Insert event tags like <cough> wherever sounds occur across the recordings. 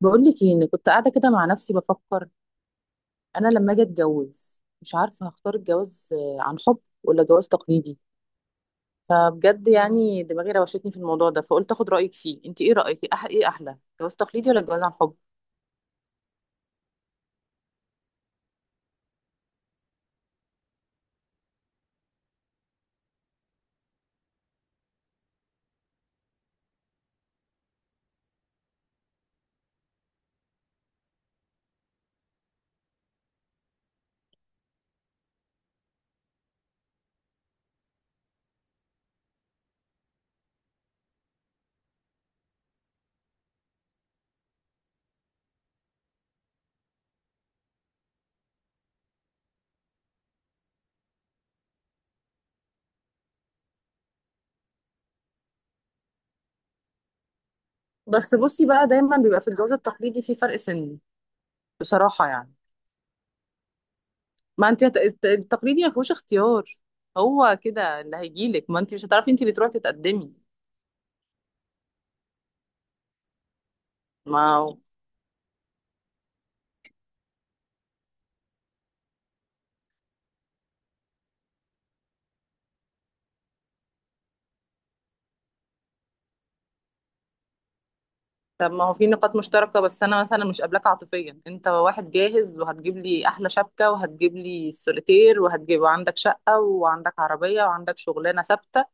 بقول لك ايه؟ إني كنت قاعده كده مع نفسي بفكر، انا لما اجي اتجوز مش عارفه هختار الجواز، عن حب ولا جواز تقليدي. فبجد يعني دماغي روشتني في الموضوع ده، فقلت اخد رايك فيه. انت ايه رايك؟ إيه ايه احلى، جواز تقليدي ولا جواز عن حب؟ بس بصي بقى، دايما بيبقى في الجواز التقليدي في فرق سن بصراحه يعني. ما انت التقليدي ما فيهوش اختيار، هو كده اللي هيجيلك، ما انت مش هتعرفي انت اللي تروحي تتقدمي. ما طب ما هو في نقاط مشتركة، بس أنا مثلا مش قابلاك عاطفيا. أنت واحد جاهز وهتجيب لي أحلى شبكة وهتجيب لي السوليتير وهتجيب، وعندك شقة وعندك عربية وعندك شغلانة ثابتة،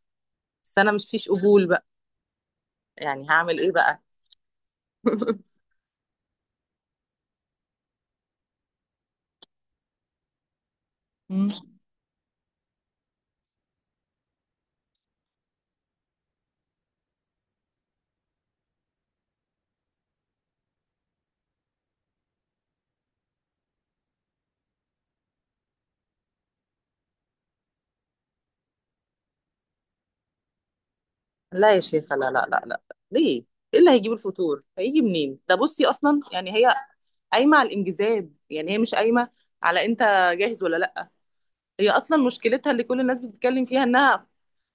بس أنا مش فيش قبول بقى، يعني هعمل إيه بقى؟ <laughs> مم. لا يا شيخة، لا لا لا لا. ليه؟ إيه اللي هيجيب الفطور؟ هيجي منين؟ ده بصي أصلا يعني هي قايمة على الانجذاب، يعني هي مش قايمة على أنت جاهز ولا لأ. هي أصلا مشكلتها اللي كل الناس بتتكلم فيها إنها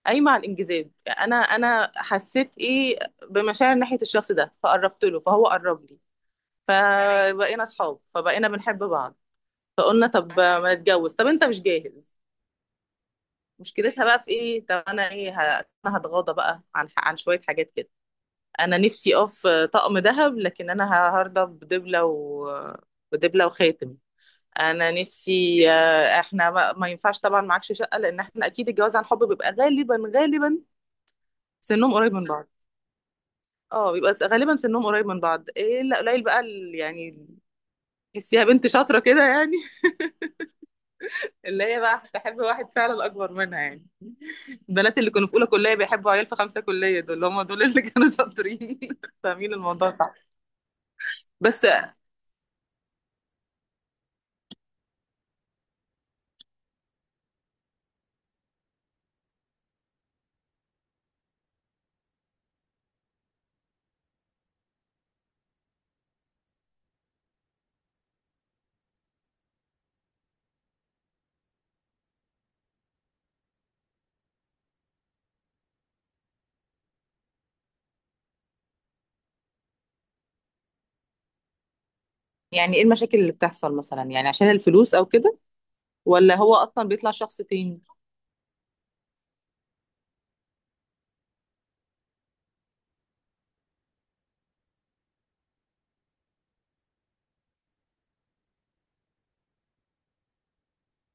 قايمه على الانجذاب. انا حسيت ايه، بمشاعر ناحيه الشخص ده فقربت له فهو قرب لي، فبقينا اصحاب فبقينا بنحب بعض، فقلنا طب ما نتجوز، طب انت مش جاهز. مشكلتها بقى في ايه؟ طب انا ايه انا هتغاضى بقى عن شويه حاجات كده. انا نفسي اقف طقم ذهب، لكن انا هرضى بدبله وخاتم. انا نفسي احنا ما ينفعش طبعا معكش شقه، لان احنا اكيد الجواز عن حب بيبقى غالبا غالبا سنهم قريب من بعض. اه بيبقى غالبا سنهم قريب من بعض، ايه لا قليل بقى يعني تحسيها بنت شاطره كده يعني، <laughs> اللي هي بقى تحب واحد فعلا اكبر منها يعني. البنات اللي كانوا في اولى كليه بيحبوا عيال في 5 كليه، دول هم دول اللي كانوا شاطرين. <laughs> فاهمين الموضوع صح؟ بس يعني ايه المشاكل اللي بتحصل مثلا؟ يعني عشان الفلوس او كده، ولا هو اصلا بيطلع شخص تاني؟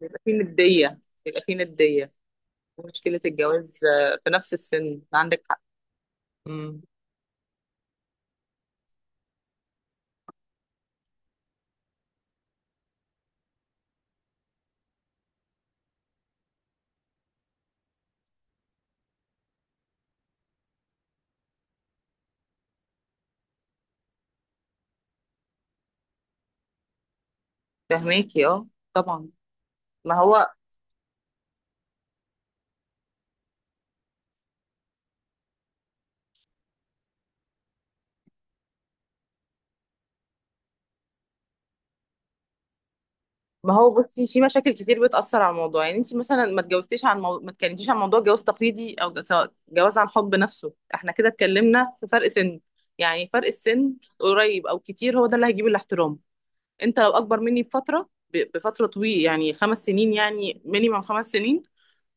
بيبقى فيه نديه، بيبقى فيه نديه. ومشكله الجواز في نفس السن، عندك حق. امم، فاهماكي اه، طبعا. ما هو ما هو بصي في مشاكل كتير بتأثر على الموضوع. يعني انت مثلا ما اتجوزتيش عن ما اتكلمتيش عن موضوع جواز تقليدي او جواز عن حب نفسه، احنا كده اتكلمنا في فرق سن. يعني فرق السن قريب او كتير هو ده اللي هيجيب الاحترام. انت لو اكبر مني بفترة، بفترة طويلة، يعني 5 سنين، يعني مينيمم 5 سنين،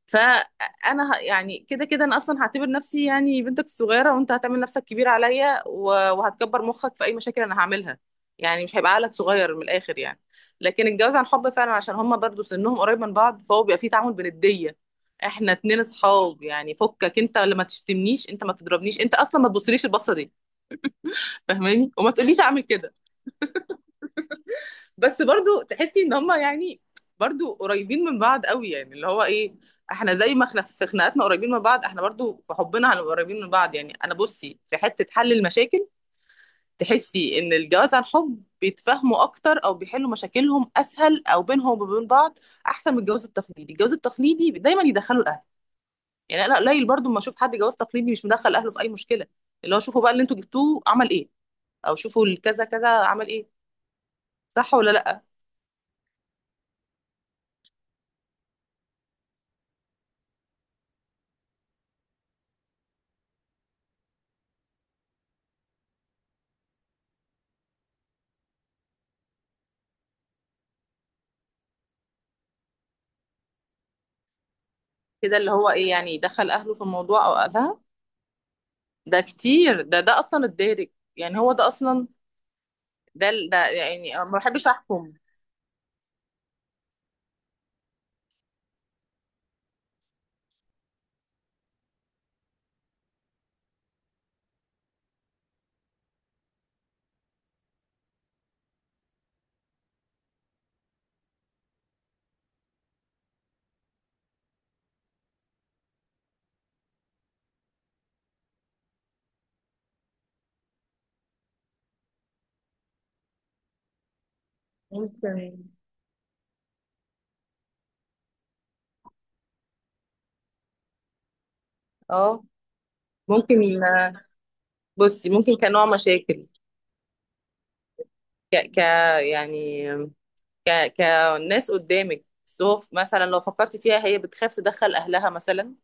فانا يعني كده كده انا اصلا هعتبر نفسي يعني بنتك الصغيره، وانت هتعمل نفسك كبير عليا وهتكبر مخك في اي مشاكل انا هعملها، يعني مش هيبقى عقلك صغير من الاخر يعني. لكن الجواز عن حب فعلا عشان هما برضو سنهم قريب من بعض، فهو بيبقى فيه تعامل بنديه. احنا اتنين اصحاب يعني، فكك، انت اللي ما تشتمنيش، انت ما تضربنيش، انت اصلا ما تبصليش البصه دي، فاهماني، وما تقوليش اعمل كده. بس برضو تحسي ان هما يعني برضو قريبين من بعض قوي، يعني اللي هو ايه، احنا زي ما احنا في خناقاتنا قريبين من بعض، احنا برضو في حبنا هنبقى قريبين من بعض. يعني انا بصي في حتة حل المشاكل، تحسي ان الجواز عن حب بيتفاهموا اكتر او بيحلوا مشاكلهم اسهل او بينهم وبين بعض احسن من الجواز التقليدي؟ الجواز التقليدي دايما يدخلوا الاهل، يعني انا قليل برضو ما اشوف حد جواز تقليدي مش مدخل اهله في اي مشكلة. اللي هو شوفوا بقى اللي انتوا جبتوه عمل ايه، او شوفوا الكذا كذا عمل ايه، صح ولا لا؟ كده اللي هو ايه، يعني دخل اهله في الموضوع او اهلها؟ ده كتير، ده اصلا الدارج، يعني هو ده اصلا ده ده يعني، أنا ما بحبش احكم. ممكن اه ممكن. بصي ممكن كنوع مشاكل، ك ك يعني ك كناس قدامك، بس هو مثلا لو فكرتي فيها، هي بتخاف تدخل اهلها مثلا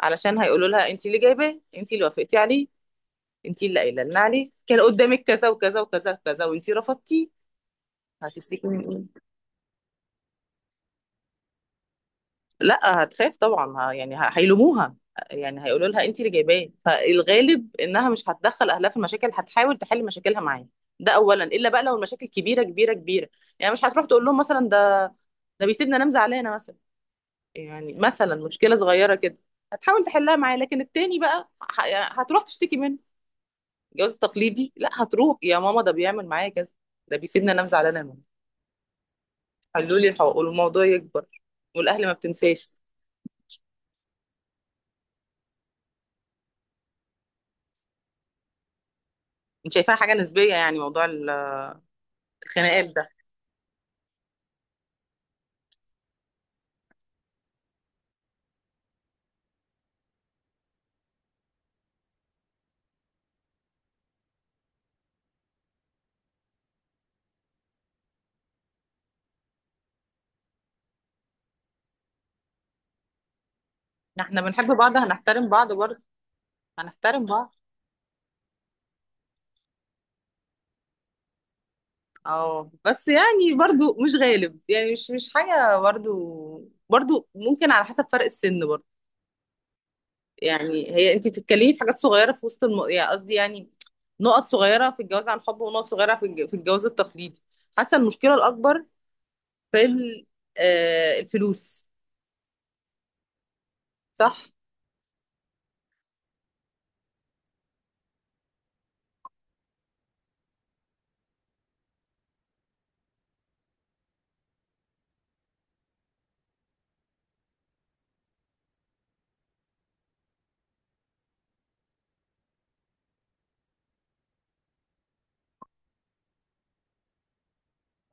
علشان هيقولوا لها انت اللي جايباه، انت اللي وافقتي عليه، انت اللي قايله لنا عليه كان قدامك كذا وكذا وكذا وكذا وانت رفضتي. هتشتكي من ايه؟ لا هتخاف طبعا، يعني هيلوموها، يعني هيقولوا لها انت اللي جايباه. فالغالب انها مش هتدخل اهلها في المشاكل، هتحاول تحل مشاكلها معاه، ده اولا. الا بقى لو المشاكل كبيره كبيره كبيره، يعني مش هتروح تقول لهم مثلا ده ده بيسيبني انام زعلانه مثلا، يعني مثلا مشكله صغيره كده هتحاول تحلها معاه. لكن التاني بقى يعني هتروح تشتكي منه، الجواز التقليدي، لا هتروح يا ماما ده بيعمل معايا كذا، ده بيسيبني انام زعلانه يا ماما، حلوا لي الحقوق، والموضوع يكبر، والاهل ما بتنساش. انت شايفاها حاجه نسبيه يعني موضوع الخناقات ده؟ احنا بنحب بعض هنحترم بعض برضه، هنحترم بعض. اه بس يعني برضه مش غالب، يعني مش مش حاجة برضه. برضه ممكن على حسب فرق السن برضه. يعني هي انت بتتكلمي في حاجات صغيرة في وسط يعني قصدي يعني نقط صغيرة في الجواز عن حب، ونقط صغيرة في في الجواز التقليدي. حاسة المشكلة الأكبر في آه الفلوس، صح؟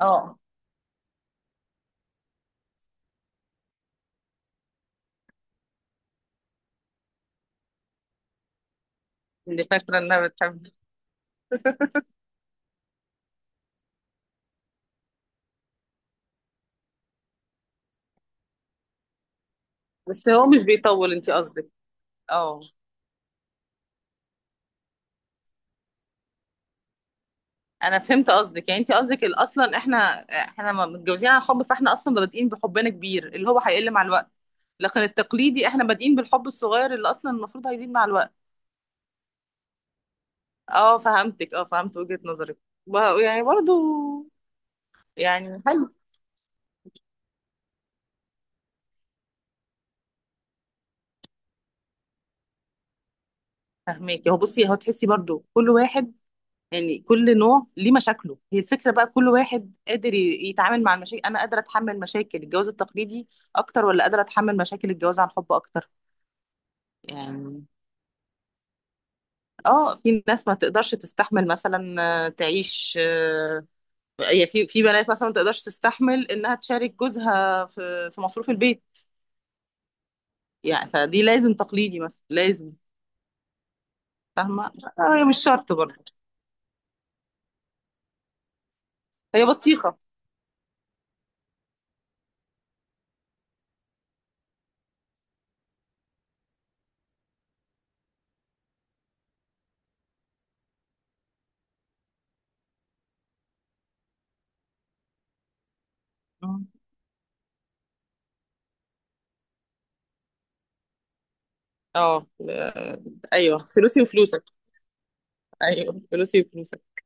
اه اللي فاكرة انها بتحب، بس هو مش بيطول، انت قصدك؟ اه انا فهمت قصدك. يعني انت قصدك اصلا احنا احنا ما متجوزين عن حب، فاحنا اصلا بادئين بحبنا كبير اللي هو هيقل مع الوقت، لكن التقليدي احنا بادئين بالحب الصغير اللي اصلا المفروض هيزيد مع الوقت. اه فهمتك، اه فهمت وجهة نظرك يعني برضو، يعني حلو. فهميك. هو بصي هو تحسي برضو كل واحد، يعني كل نوع ليه مشاكله، هي الفكرة بقى كل واحد قادر يتعامل مع المشاكل. انا قادرة اتحمل مشاكل الجواز التقليدي اكتر، ولا قادرة اتحمل مشاكل الجواز عن حب اكتر؟ يعني اه، في ناس ما تقدرش تستحمل مثلا، تعيش، يعني في بنات مثلا ما تقدرش تستحمل انها تشارك جوزها في مصروف البيت، يعني فدي لازم تقليدي مثلا، لازم. فاهمه، هي مش شرط برضه، هي بطيخه. مم. اه ايوه فلوسي وفلوسك، ايوه فلوسي وفلوسك.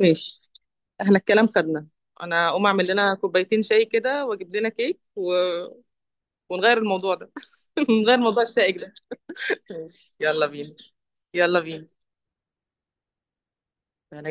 ماشي، احنا الكلام خدنا، انا اقوم اعمل لنا كوبايتين شاي كده واجيب لنا ونغير الموضوع ده. <laughs> نغير موضوع الشائك ده. ماشي يلا بينا، يلا بينا، سلام.